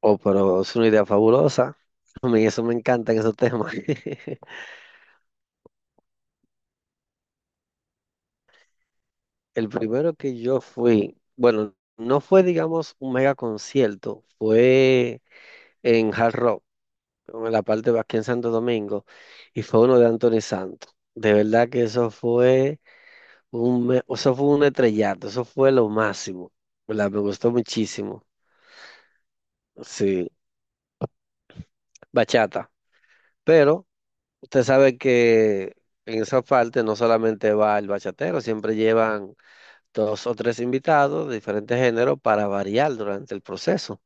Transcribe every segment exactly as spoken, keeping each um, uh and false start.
Oh, pero es una idea fabulosa. A mí eso me encantan esos temas. El primero que yo fui, bueno, no fue, digamos, un mega concierto, fue en Hard Rock, en la parte de aquí en Santo Domingo, y fue uno de Anthony Santos. De verdad que eso fue un, me- eso fue un estrellato, eso fue lo máximo, ¿verdad? Me gustó muchísimo. Sí, bachata. Pero usted sabe que en esa parte no solamente va el bachatero, siempre llevan dos o tres invitados de diferentes géneros para variar durante el proceso.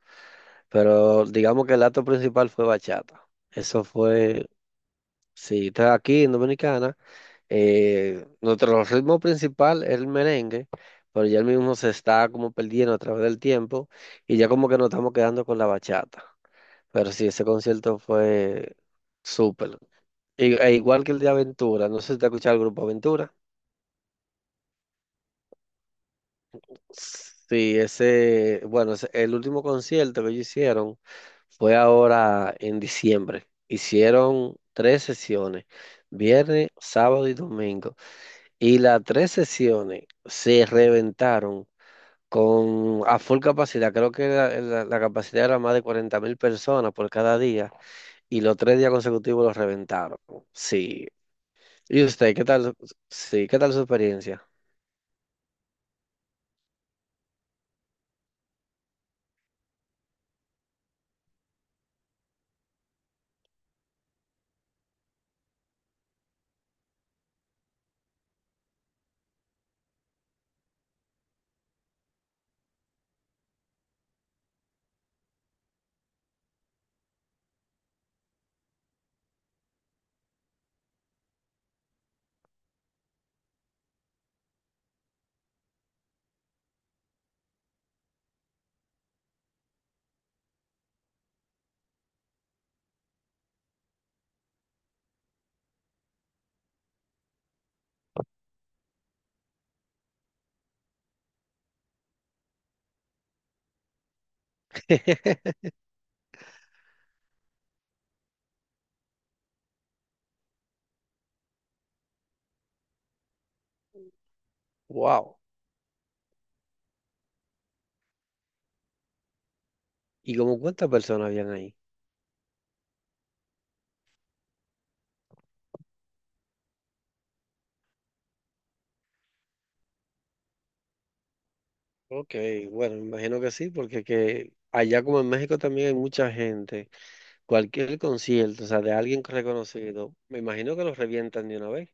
Pero digamos que el acto principal fue bachata. Eso fue. Sí, estás aquí en Dominicana, eh, nuestro ritmo principal es el merengue, pero ya el mismo se está como perdiendo a través del tiempo y ya como que nos estamos quedando con la bachata. Pero sí, ese concierto fue súper. Y- E igual que el de Aventura, no sé si te escuchado el grupo Aventura. Sí, ese, bueno, ese- el último concierto que ellos hicieron fue ahora en diciembre. Hicieron tres sesiones, viernes, sábado y domingo. Y las tres sesiones se reventaron con a full capacidad. Creo que la, la- la capacidad era más de cuarenta mil personas por cada día. Y los tres días consecutivos los reventaron. Sí. ¿Y usted, qué tal? su- Sí, ¿qué tal su experiencia? Wow. ¿Y como cuántas personas habían ahí? Ok, bueno, me imagino que sí, porque que allá como en México también hay mucha gente, cualquier concierto, o sea, de alguien reconocido, me imagino que los revientan de una vez.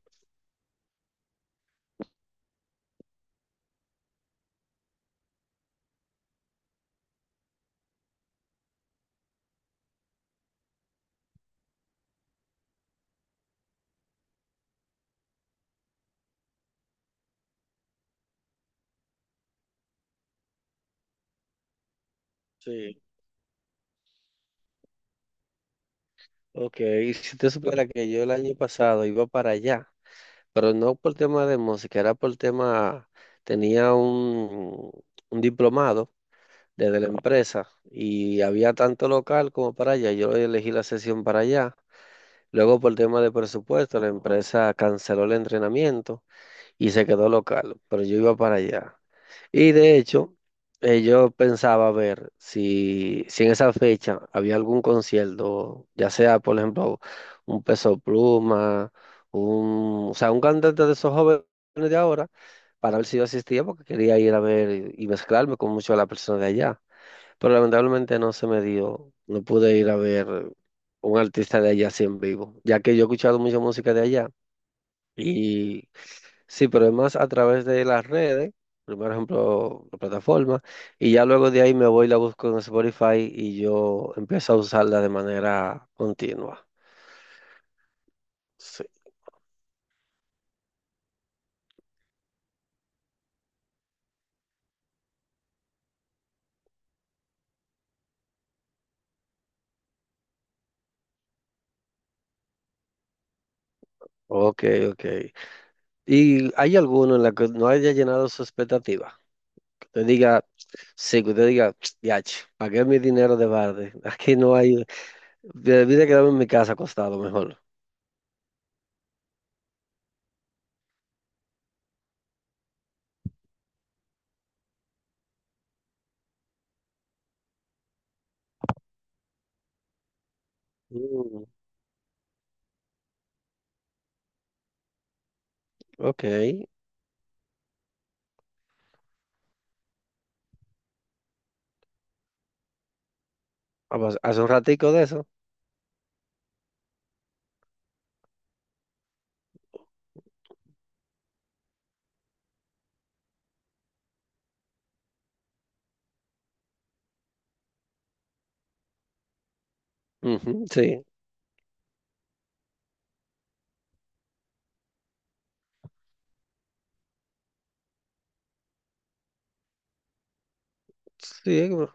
Sí. Ok, y si te supiera que yo el año pasado iba para allá, pero no por tema de música, era por tema, tenía un, un diplomado desde la empresa y había tanto local como para allá, yo elegí la sesión para allá. Luego, por tema de presupuesto, la empresa canceló el entrenamiento y se quedó local, pero yo iba para allá. Y de hecho, eh, yo pensaba ver si, si en esa fecha había algún concierto, ya sea, por ejemplo, un Peso Pluma, un, o sea, un cantante de esos jóvenes de ahora, para ver si yo asistía, porque quería ir a ver y, y mezclarme con muchas de las personas de allá. Pero lamentablemente no se me dio, no pude ir a ver un artista de allá así en vivo, ya que yo he escuchado mucha música de allá. Y sí, pero es más a través de las redes, primero ejemplo, la plataforma, y ya luego de ahí me voy y la busco en Spotify y yo empiezo a usarla de manera continua. Sí. Ok, ok. ¿Y hay alguno en la que no haya llenado su expectativa? Que te diga, sí, que te diga, ya, pagué mi dinero de barde. Aquí no hay. Debí de quedarme en mi casa acostado mejor. Mm, ok. Ah, pues, hace un ratico de eso. Ujú, sí. Sí, como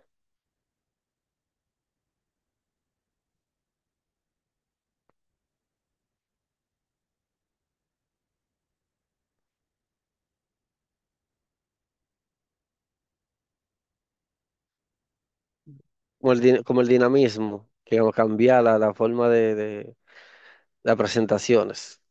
como el, din- como el dinamismo, que como cambiar la, la forma de, de las presentaciones.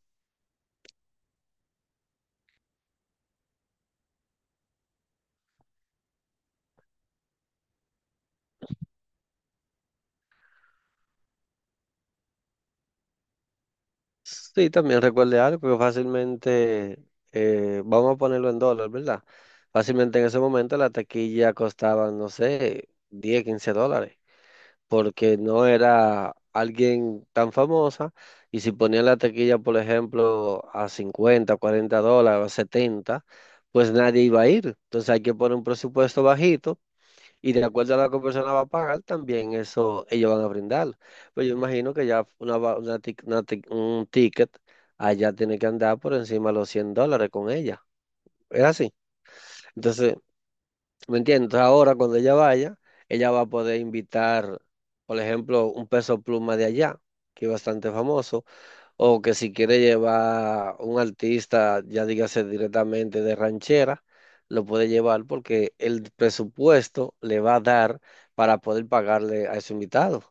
Sí, también recuerde algo que fácilmente, eh, vamos a ponerlo en dólares, ¿verdad? Fácilmente en ese momento la taquilla costaba, no sé, diez quince dólares, porque no era alguien tan famosa. Y si ponían la taquilla, por ejemplo, a cincuenta, cuarenta dólares, setenta, pues nadie iba a ir. Entonces hay que poner un presupuesto bajito y de acuerdo a lo que la persona va a pagar, también eso ellos van a brindar. Pero yo imagino que ya una, va- una tic- una tic- un ticket allá tiene que andar por encima de los cien dólares con ella. Es así. Entonces, ¿me entiendes? Entonces, ahora cuando ella vaya, ella va a poder invitar, por ejemplo, un peso pluma de allá, que es bastante famoso, o que si quiere llevar un artista, ya dígase directamente de ranchera, lo puede llevar porque el presupuesto le va a dar para poder pagarle a su invitado.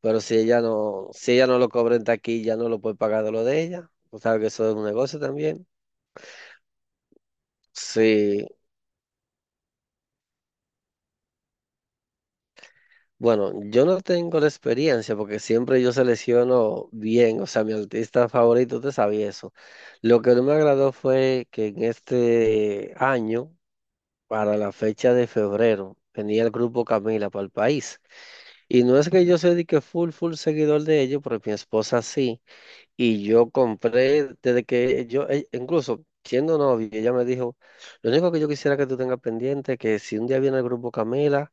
Pero si ella no, si ella no lo cobra en taquilla, no lo puede pagar de lo de ella. Tú sabes que eso es un negocio también. Sí. Bueno, yo no tengo la experiencia porque siempre yo selecciono bien, o sea, mi artista favorito, te sabía eso. Lo que no me agradó fue que en este año, para la fecha de febrero, tenía el grupo Camila para el país. Y no es que yo sea de que full, full seguidor de ellos, porque mi esposa sí. Y yo compré, desde que yo, e- incluso siendo novio, ella me dijo, lo único que yo quisiera que tú tengas pendiente es que si un día viene el grupo Camila,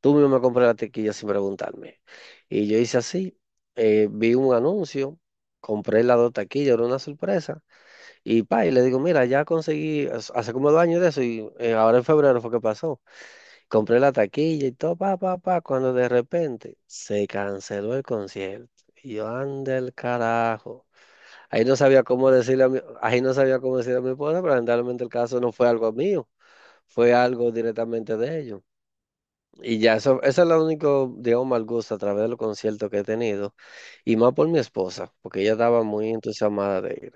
tú mismo me compras la tequilla sin preguntarme. Y yo hice así, eh, vi un anuncio, compré las dos taquillas, era una sorpresa, y pa, y le digo, mira, ya conseguí, as- hace como dos años de eso, y eh, ahora en febrero fue que pasó. Compré la taquilla y todo, pa, pa, pa, cuando de repente se canceló el concierto. Y yo, anda el carajo. Ahí no sabía cómo decirle a mi, ahí no sabía cómo decirle a mi esposa, pero generalmente el caso no fue algo mío, fue algo directamente de ellos. Y ya eso, eso es lo único, digamos, mal gusto a través de los conciertos que he tenido, y más por mi esposa, porque ella estaba muy entusiasmada de ir.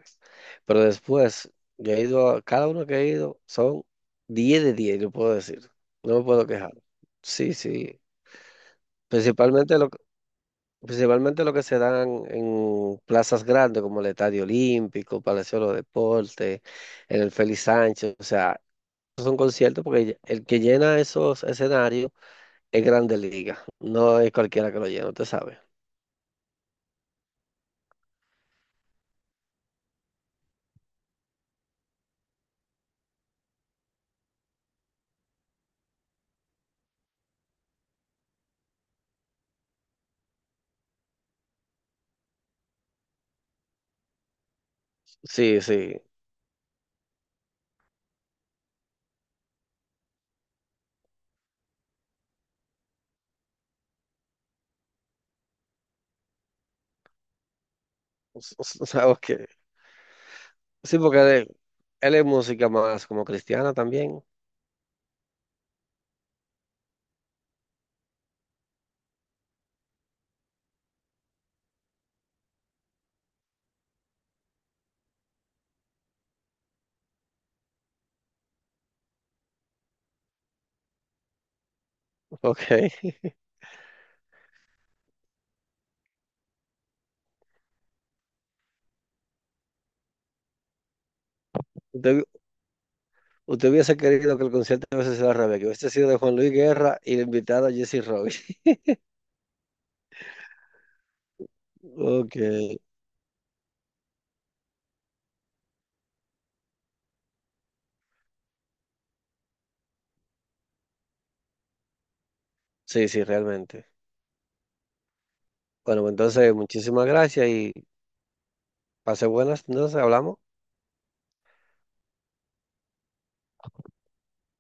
Pero después, yo he ido, a- cada uno que he ido son diez de diez yo puedo decir, no me puedo quejar. Sí, sí, principalmente lo Principalmente lo que se dan en plazas grandes como el Estadio Olímpico, Palacio de los Deportes, en el Félix Sánchez, o sea, son conciertos porque el que llena esos escenarios es Grande Liga, no es cualquiera que lo llena, usted sabe. Sí, sí, s- s- sabes que sí, porque él, él es música más como cristiana también, ok. Usted, usted hubiese querido que el concierto hubiese sido al revés, que hubiese sido de Juan Luis Guerra y la invitada Jesse Roy. Ok, sí, sí, realmente. Bueno, pues entonces muchísimas gracias y pase buenas, entonces hablamos.